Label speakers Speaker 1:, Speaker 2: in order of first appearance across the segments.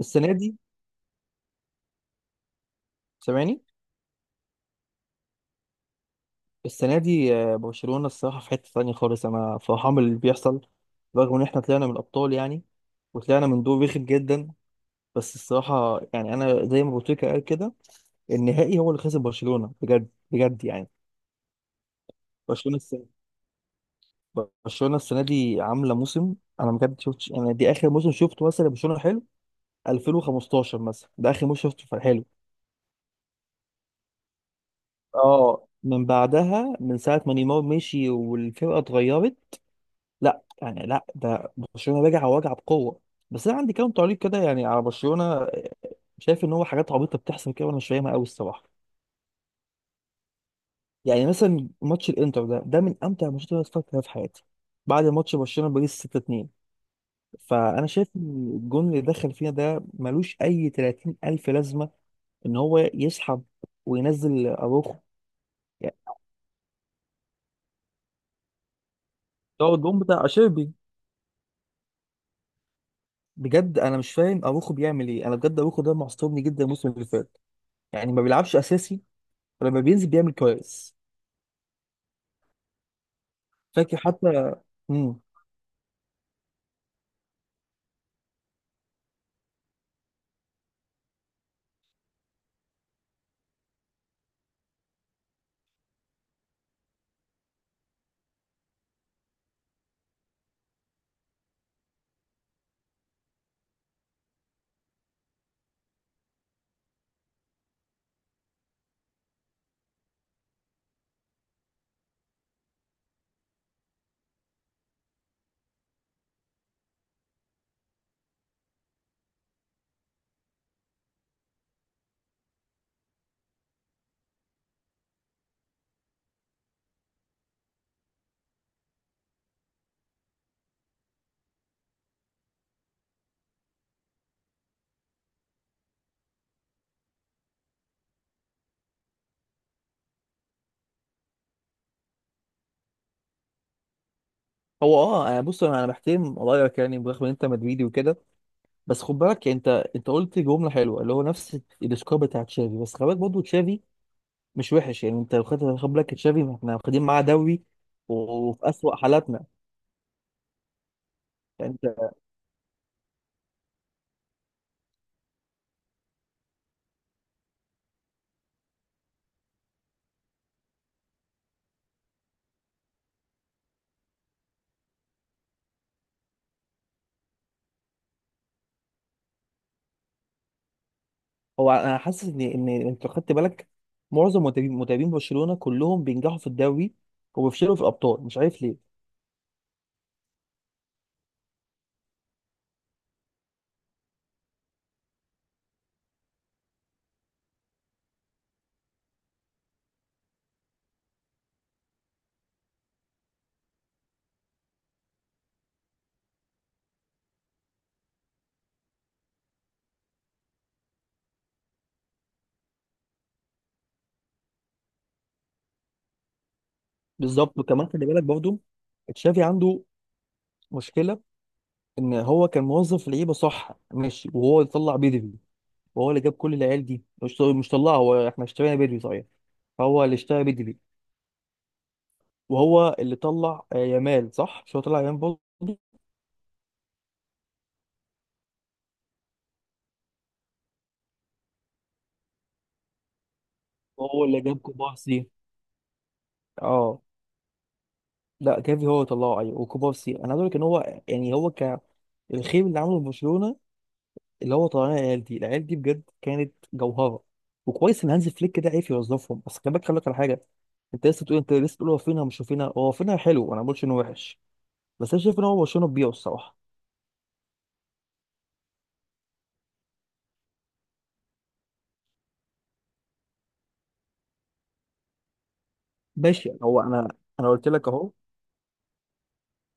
Speaker 1: السنة دي سامعني. السنة دي برشلونة الصراحة في حتة تانية خالص، أنا فرحان باللي بيحصل، رغم إن إحنا طلعنا من الأبطال يعني، وطلعنا من دور رخم جدا. بس الصراحة يعني أنا زي ما بوتيكا قال كده، النهائي هو اللي خسر برشلونة بجد بجد يعني. برشلونة السنة برشلونة السنة دي عاملة موسم. أنا بجد شفتش، أنا دي آخر موسم شفته مثلا برشلونة حلو، 2015 مثلا ده آخر موسم شفته حلو. اه، من بعدها من ساعة ما نيمار مشي والفرقة اتغيرت. لا يعني لا، ده برشلونه راجع وراجع بقوه. بس انا عندي كام تعليق كده يعني على برشلونه، شايف ان هو حاجات عبيطه بتحصل كده وانا مش فاهمها قوي الصراحه. يعني مثلا ماتش الانتر، ده من امتع الماتشات اللي اتفرجت عليها في حياتي بعد ماتش برشلونه باريس 6-2. فانا شايف إن الجون اللي دخل فينا ده ملوش اي 30 الف لازمه، ان هو يسحب وينزل اروخو يعني. ده هو الجون بتاع اشيربي. بجد انا مش فاهم اروخو بيعمل ايه، انا بجد اروخو ده معصبني جدا الموسم اللي فات، يعني ما بيلعبش اساسي ولما بينزل بيعمل كويس. فاكر حتى. امم هو اه انا بص انا بحترم رايك يعني، برغم ان انت مدريدي وكده. بس خد بالك يعني، انت قلت جمله حلوه اللي هو نفس السكور بتاع تشافي، بس خد بالك برضه تشافي مش وحش يعني. انت لو خدت، خد بالك، تشافي احنا واخدين معاه دوري، و- وفي اسوأ حالاتنا يعني. انت، هو انا حاسس ان انت لو خدت بالك، معظم مدربين برشلونه كلهم بينجحوا في الدوري وبيفشلوا في الابطال، مش عارف ليه. بالظبط، وكمان خلي بالك برضه، تشافي عنده مشكله، ان هو كان موظف لعيبه صح ماشي، وهو اللي طلع بدري، وهو اللي جاب كل العيال دي. مش طلعها هو، احنا اشترينا بدري صحيح، فهو اللي اشترى بدري، وهو اللي طلع يامال. صح مش هو طلع يامال برضه؟ وهو اللي جاب كوبارسي. اه. لا جافي هو اللي طلعه ايوه، وكوبارسي. انا عايز اقول لك ان هو يعني هو، ك الخير اللي عمله في برشلونه اللي هو طلعنا العيال دي، العيال دي بجد كانت جوهره، وكويس ان هانز فليك ده عرف يوظفهم. بس خلي بالك، خلي بالك على حاجه: انت لسه بتقول، انت لسه بتقول هو فينها، مش هو فينها، هو فينها حلو، انا ما بقولش انه وحش، بس انا شايف ان هو برشلونه بيبيعه الصراحه. ماشي. هو انا، انا قلت لك اهو،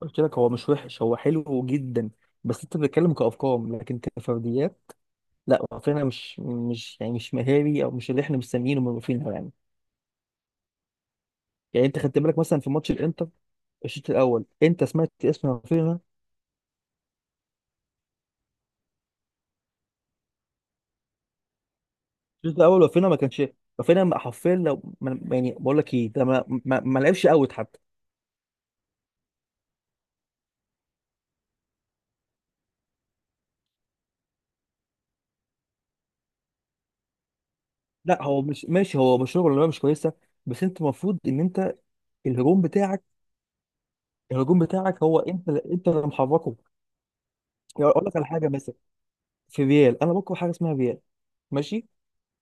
Speaker 1: قلت لك هو مش وحش هو حلو جدا، بس انت بتتكلم كارقام لكن كفرديات. لا رافينيا مش يعني مش مهاري، او مش اللي احنا مستنيينه من رافينيا يعني. يعني انت خدت بالك مثلا في ماتش الانتر الشوط الاول، انت سمعت اسم رافينيا؟ الشوط الاول رافينيا ما كانش. رافينيا حرفيا، لو ما- يعني بقول لك ايه ده، ما لعبش اوت حتى. لا هو مش ماشي، هو مش شغل ولا مش كويسه، بس انت المفروض ان انت، الهجوم بتاعك، الهجوم بتاعك هو انت اللي محركه. يعني اقول لك على حاجه مثلا، في ريال، انا بكره حاجه اسمها ريال ماشي،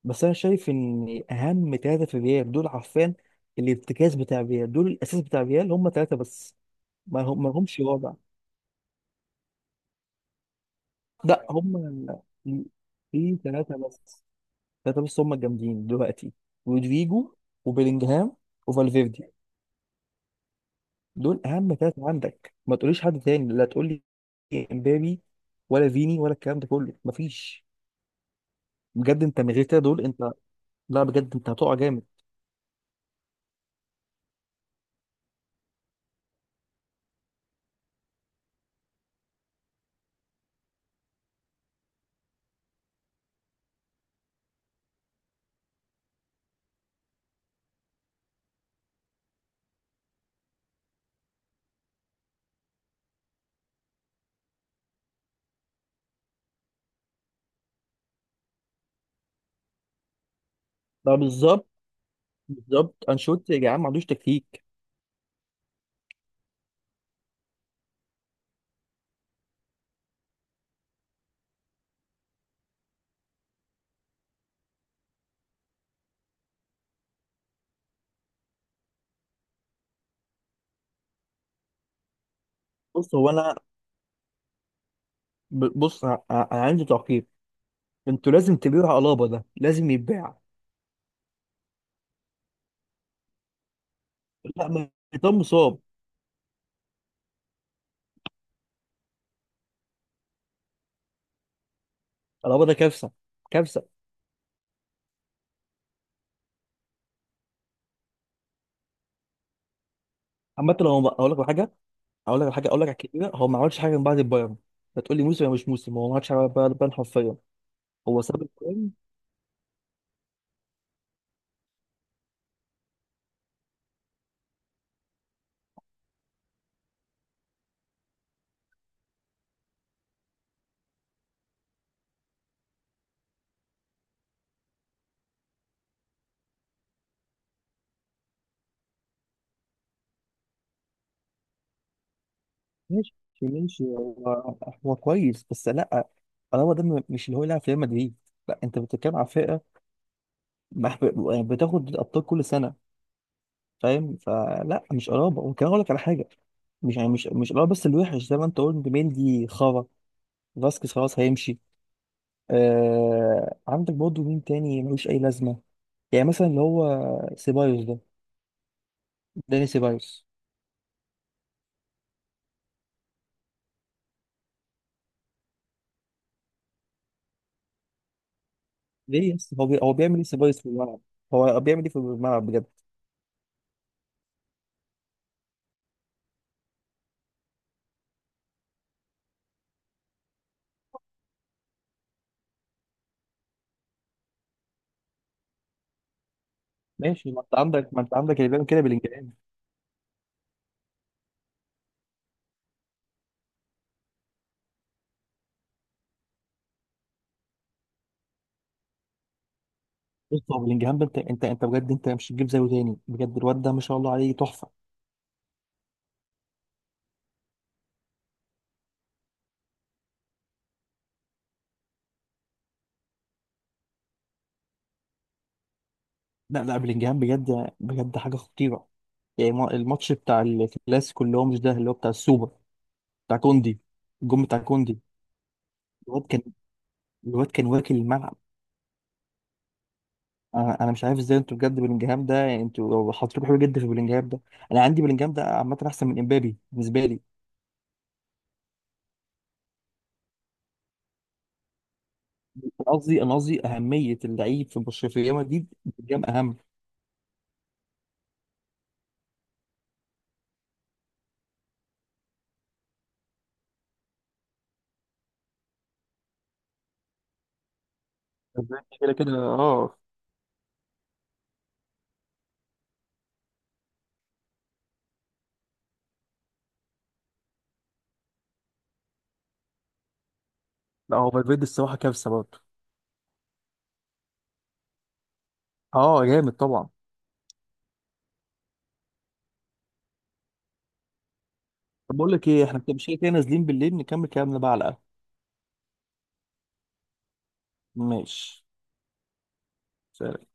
Speaker 1: بس انا شايف ان اهم ثلاثه في ريال دول، عارفين الارتكاز بتاع ريال دول، الاساس بتاع ريال هم ثلاثه بس. ما هم ما لهمش رابع. لا هم في ثلاثه بس، ثلاثه بس هم الجامدين دلوقتي: رودريجو وبيلينجهام وفالفيردي. دول اهم ثلاثه عندك، ما تقوليش حد تاني، لا تقول لي امبابي ولا فيني ولا الكلام ده كله، مفيش. بجد انت من غير كده دول، انت، لا بجد انت هتقع جامد. لا بالظبط، بالظبط انشيلوتي يا جدعان ما عندوش تكتيك. بص هو انا بص انا عندي تعقيب. انتوا لازم تبيعوا الابا، ده لازم يتباع. لا ميتان مصاب. الابا ده كارثه، كارثه. عامه، لو ما- اقول لك على حاجه، اقول لك على حاجه، اقول لك على كده، هو ما عملش حاجه من بعد البايرن. هتقول لي موسم ولا مش موسم؟ هو ما عملش حاجه من بعد البايرن حرفيا، هو ساب البايرن. ماشي. ماشي هو كويس بس لا، الابا ده مش اللي هو يلعب في ريال مدريد. لا انت بتتكلم على فرقه، يعني بتاخد الابطال كل سنه فاهم، فلا مش قرابه. وكان اقول لك على حاجه، مش يعني مش قرابه، بس الوحش زي ما انت قلت مندي خرا، فاسكيز خلاص هيمشي. آه، عندك برضه مين تاني ملوش اي لازمه؟ يعني مثلا اللي هو سيبايوس ده، داني سيبايوس. ليه يا اسطى، هو هو بيعمل ايه سيبايوس في الملعب؟ هو بيعمل ايه في الملعب بجد؟ ماشي، ما انت عندك، ما انت عندك اللي بيعمل كده بلينجهام. بص هو بلينجهام ده انت، انت بجد انت مش هتجيب زيه تاني بجد، الواد ده ما شاء الله عليه تحفه. لا لا، بلينجهام بجد بجد حاجه خطيره. يعني الماتش بتاع الكلاسيكو، اللي هو مش ده، اللي هو بتاع السوبر بتاع كوندي، الجون بتاع كوندي، الواد كان الواد كان واكل الملعب. انا مش عارف ازاي انتوا، بجد بلينجهام ده يعني انتوا حاطين حلو جدا في بلينجهام ده. انا عندي بلينجهام ده عامه احسن من امبابي بالنسبه لي. أنا قصدي انا قصدي اهميه اللعيب في برشلونه في ريال مدريد، بلينجهام اهم. كده كده اه. لا هو فالفيردي الصراحه كارثه برضه. اه جامد طبعا. طب بقول لك ايه، احنا مش كده كده نازلين بالليل نكمل كلامنا بقى على القهوه. ماشي، سلام.